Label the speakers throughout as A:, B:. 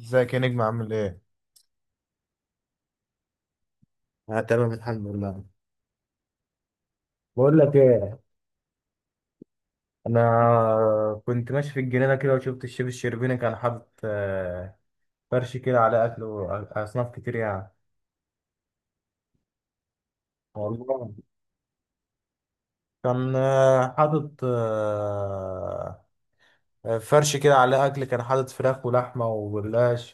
A: ازيك يا نجم، عامل ايه؟ آه، تمام، الحمد لله. بقول لك ايه. انا كنت ماشي في الجنينه كده وشفت الشيف الشربيني. كان حاطط فرش كده على اكل واصناف كتير يعني. والله. كان حاطط فرش كده على اكل. كان حاطط فراخ ولحمه وجلاش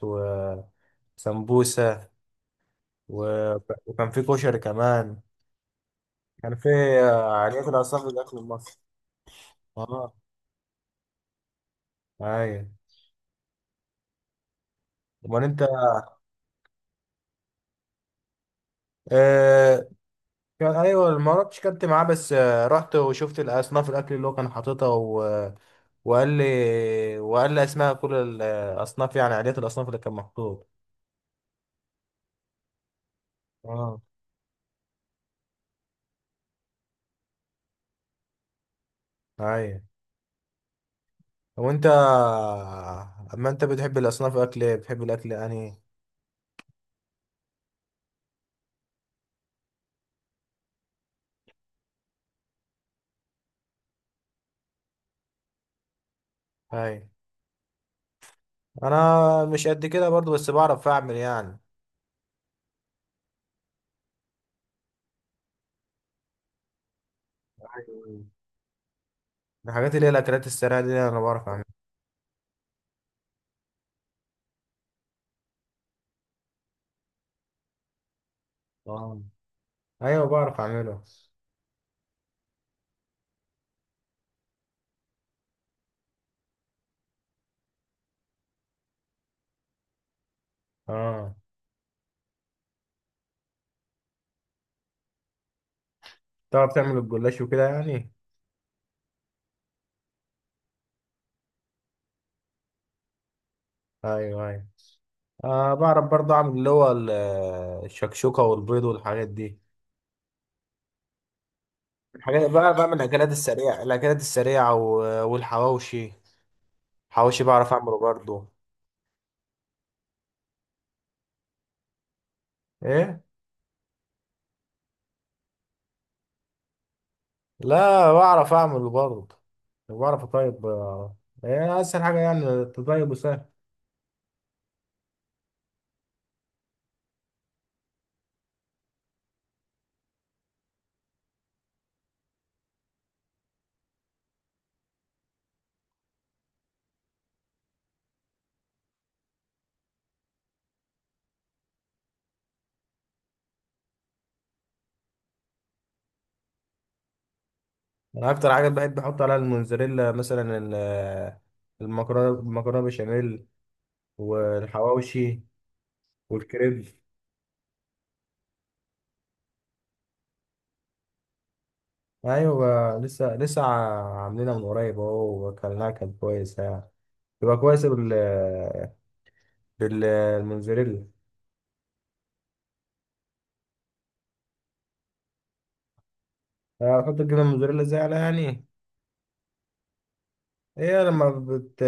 A: وسمبوسه و- وكان في كشري كمان. كان في عليات الاصناف، الاكل المصري. اه. ايوه. امال انت؟ آه، كان، ايوه، ما رحتش، كنت معاه، بس رحت وشفت الاصناف، الاكل اللي هو كان حاططها وقال لي اسماء كل الاصناف، يعني عادات الاصناف اللي كان محطوط. اه. ايوه. وانت، اما انت بتحب الاصناف، اكل ايه بتحب، الاكل انهي؟ ايوه. انا مش قد كده برضو، بس بعرف اعمل يعني. ايوه، الحاجات اللي هي الاكلات السريعه دي انا بعرف اعملها. اه. ايوه، بعرف اعمله. اه. تعرف تعمل الجلاش وكده يعني. ايوه، ايوه. بعرف برضه اعمل اللي هو الشكشوكة والبيض والحاجات دي. الحاجات بقى، بعمل الاكلات السريعة والحواوشي. حواوشي بعرف اعمله برضه. ايه. لا، بعرف اعمله برضه. بعرف اطيب ايه اسهل حاجة يعني تطيب وسهل. انا اكتر حاجة بحب احط عليها الموزاريلا، مثلا المكرونة بشاميل والحواوشي والكريب. ايوه، لسه لسه عاملينها من قريب اهو، واكلناها كانت كويسة يعني. يبقى كويس بالموزاريلا. هتحط الجبنة الموزاريلا ازاي عليها يعني؟ هي لما بت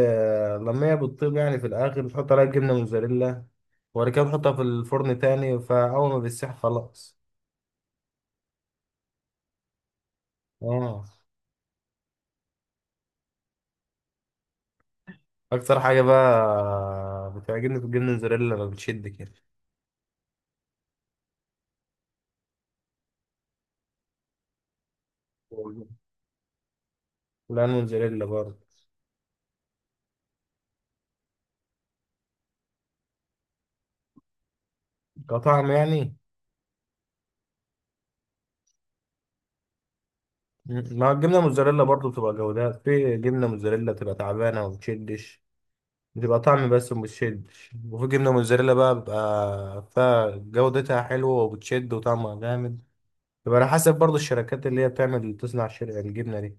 A: لما هي بتطيب يعني، في الآخر بتحط عليها الجبنة موزاريلا، وبعد كده بتحطها في الفرن تاني، فأول ما بتسيح خلاص. اه. أكتر حاجة بقى بتعجبني في الجبنة الموزاريلا لما بتشد كده. لا، الموزاريلا برضه. كطعم يعني. ما هو الجبنة الموزاريلا برضه بتبقى جودات. في جبنة موزاريلا بتبقى تعبانة وما بتشدش، بتبقى طعم بس ومش شد. وفي جبنة موزاريلا بقى بيبقى فيها جودتها حلوة وبتشد وطعمها جامد. يبقى على حسب برضه الشركات اللي هي بتعمل تصنع الجبنة دي.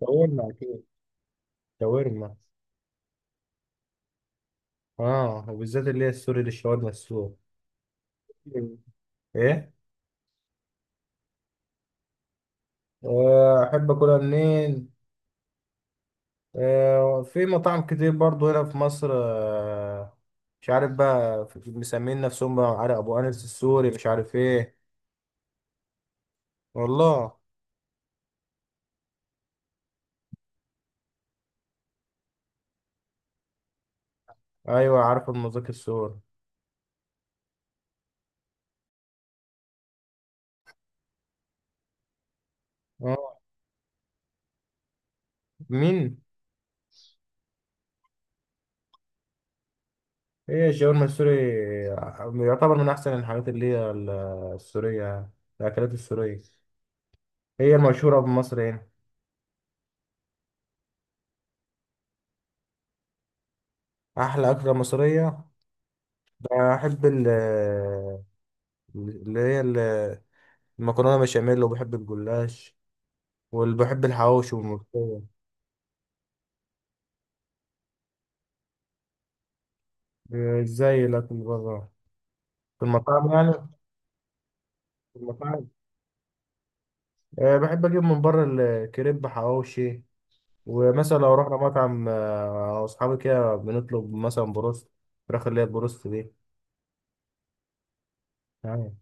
A: شاورما أكيد. شاورما. اه، وبالذات اللي هي السوري، للشاورما السوري. مم. ايه. احب اكلها منين. في مطاعم كتير برضو هنا في مصر. مش عارف بقى، مسمين نفسهم بقى، عارف، ابو انس السوري، مش عارف ايه. والله. ايوه، عارف المذاق السوري. آه. مين؟ هي الشاورما السوري يعتبر من أحسن الحاجات اللي هي السورية، الأكلات السورية هي المشهورة بمصر هنا. أحلى أكلة مصرية، بحب اللي هي ال- المكرونة بشاميل، وبحب الجلاش، وبحب الحواوشي والملوخية. إيه، زي الأكل بره، في المطاعم يعني. في المطاعم. إيه، بحب أجيب من بره الكريب، حواوشي. ومثلا لو رحنا مطعم، أصحابي كده بنطلب مثلا بروست، فراخ اللي هي البروست دي. أيوة.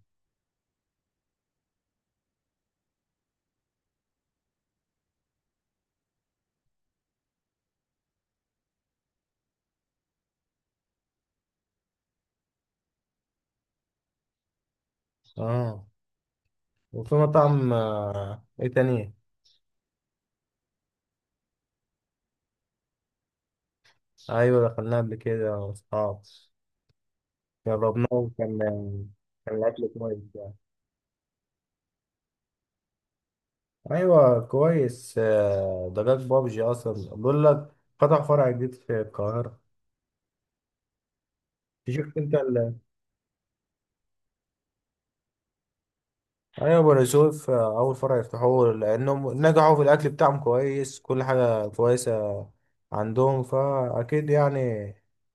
A: اه، وفي مطعم، ايه تاني. ايوه، دخلناه قبل كده واصحاب، جربناه. كان الاكل كويس يعني. ايوه، كويس. ده جاك بابجي اصلا، بقول لك فتح فرع جديد في القاهره. شفت انت ايوه، بني يوسف. اول فرع يفتحوه، لانهم نجحوا في الاكل بتاعهم كويس، كل حاجه كويسه عندهم، فاكيد يعني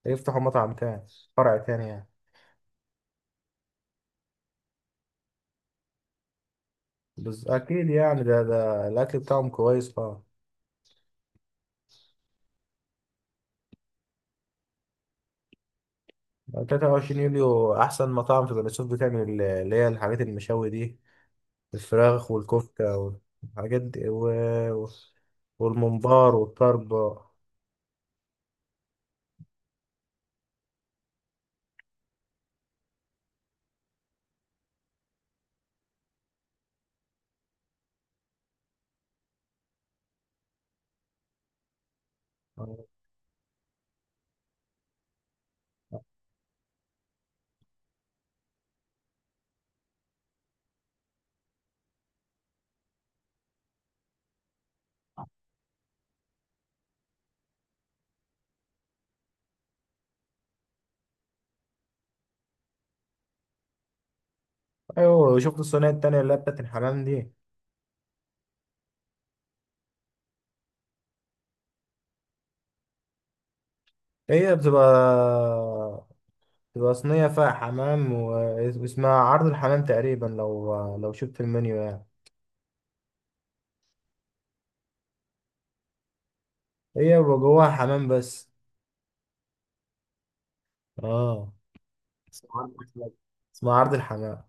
A: يفتحوا مطعم تاني، فرع تاني يعني. بس اكيد يعني ده الاكل بتاعهم كويس طبعا. 23 يوليو احسن مطاعم في بني سويف، بتعمل اللي هي الحاجات المشاوي دي، الفراخ والكفته والحاجات دي و- والممبار والطرب. ايوه، شفت الصينيه التانية اللي هي بتاعت الحمام دي. هي بتبقى بتبقى صينيه فيها حمام، واسمها عرض الحمام تقريبا، لو شفت المنيو يعني. هي بيبقى جواها حمام بس. اه. اسمها عرض الحمام، اسمها عرض الحمام.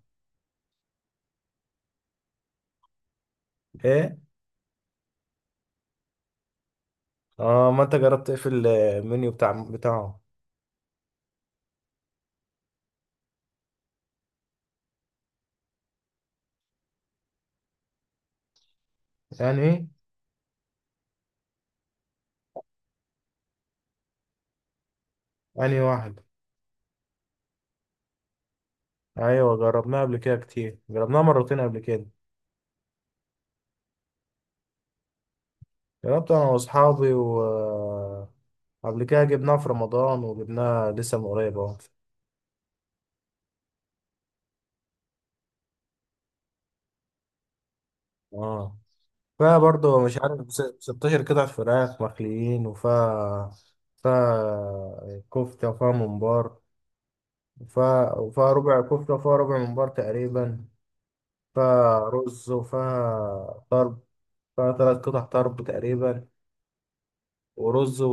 A: ايه. اه، ما انت جربت ايه في المنيو بتاعه؟ يعني ايه؟ يعني واحد. ايوه، جربناه قبل كده كتير، جربناه مرتين قبل كده. جربت انا واصحابي، و قبل كده جبناه في رمضان، وجبناه لسه من قريب اهو. اه، فيها برضه مش عارف، 16 قطعة فراخ مخليين، وفيها كفتة، وفيها ممبار، وفيها ربع كفتة، وفيها ربع ممبار تقريبا، فيها رز وفيها طرب، 3 قطع طرب تقريبا، ورز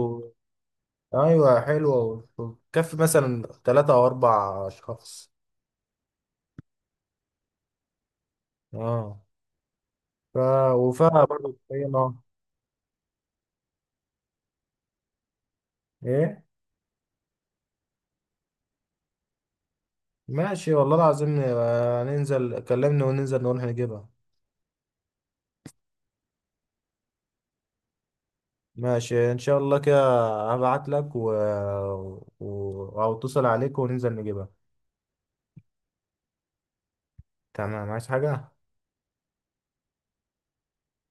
A: ايوه، حلوه، وتكفي مثلا 3 او 4 اشخاص. اه. ف... وفيها برضه طحينه. ايه. ماشي والله العظيم. ننزل، كلمني وننزل نروح نجيبها. ماشي ان شاء الله كده. هبعت لك او اتصل عليك وننزل نجيبها. تمام، عايز حاجة؟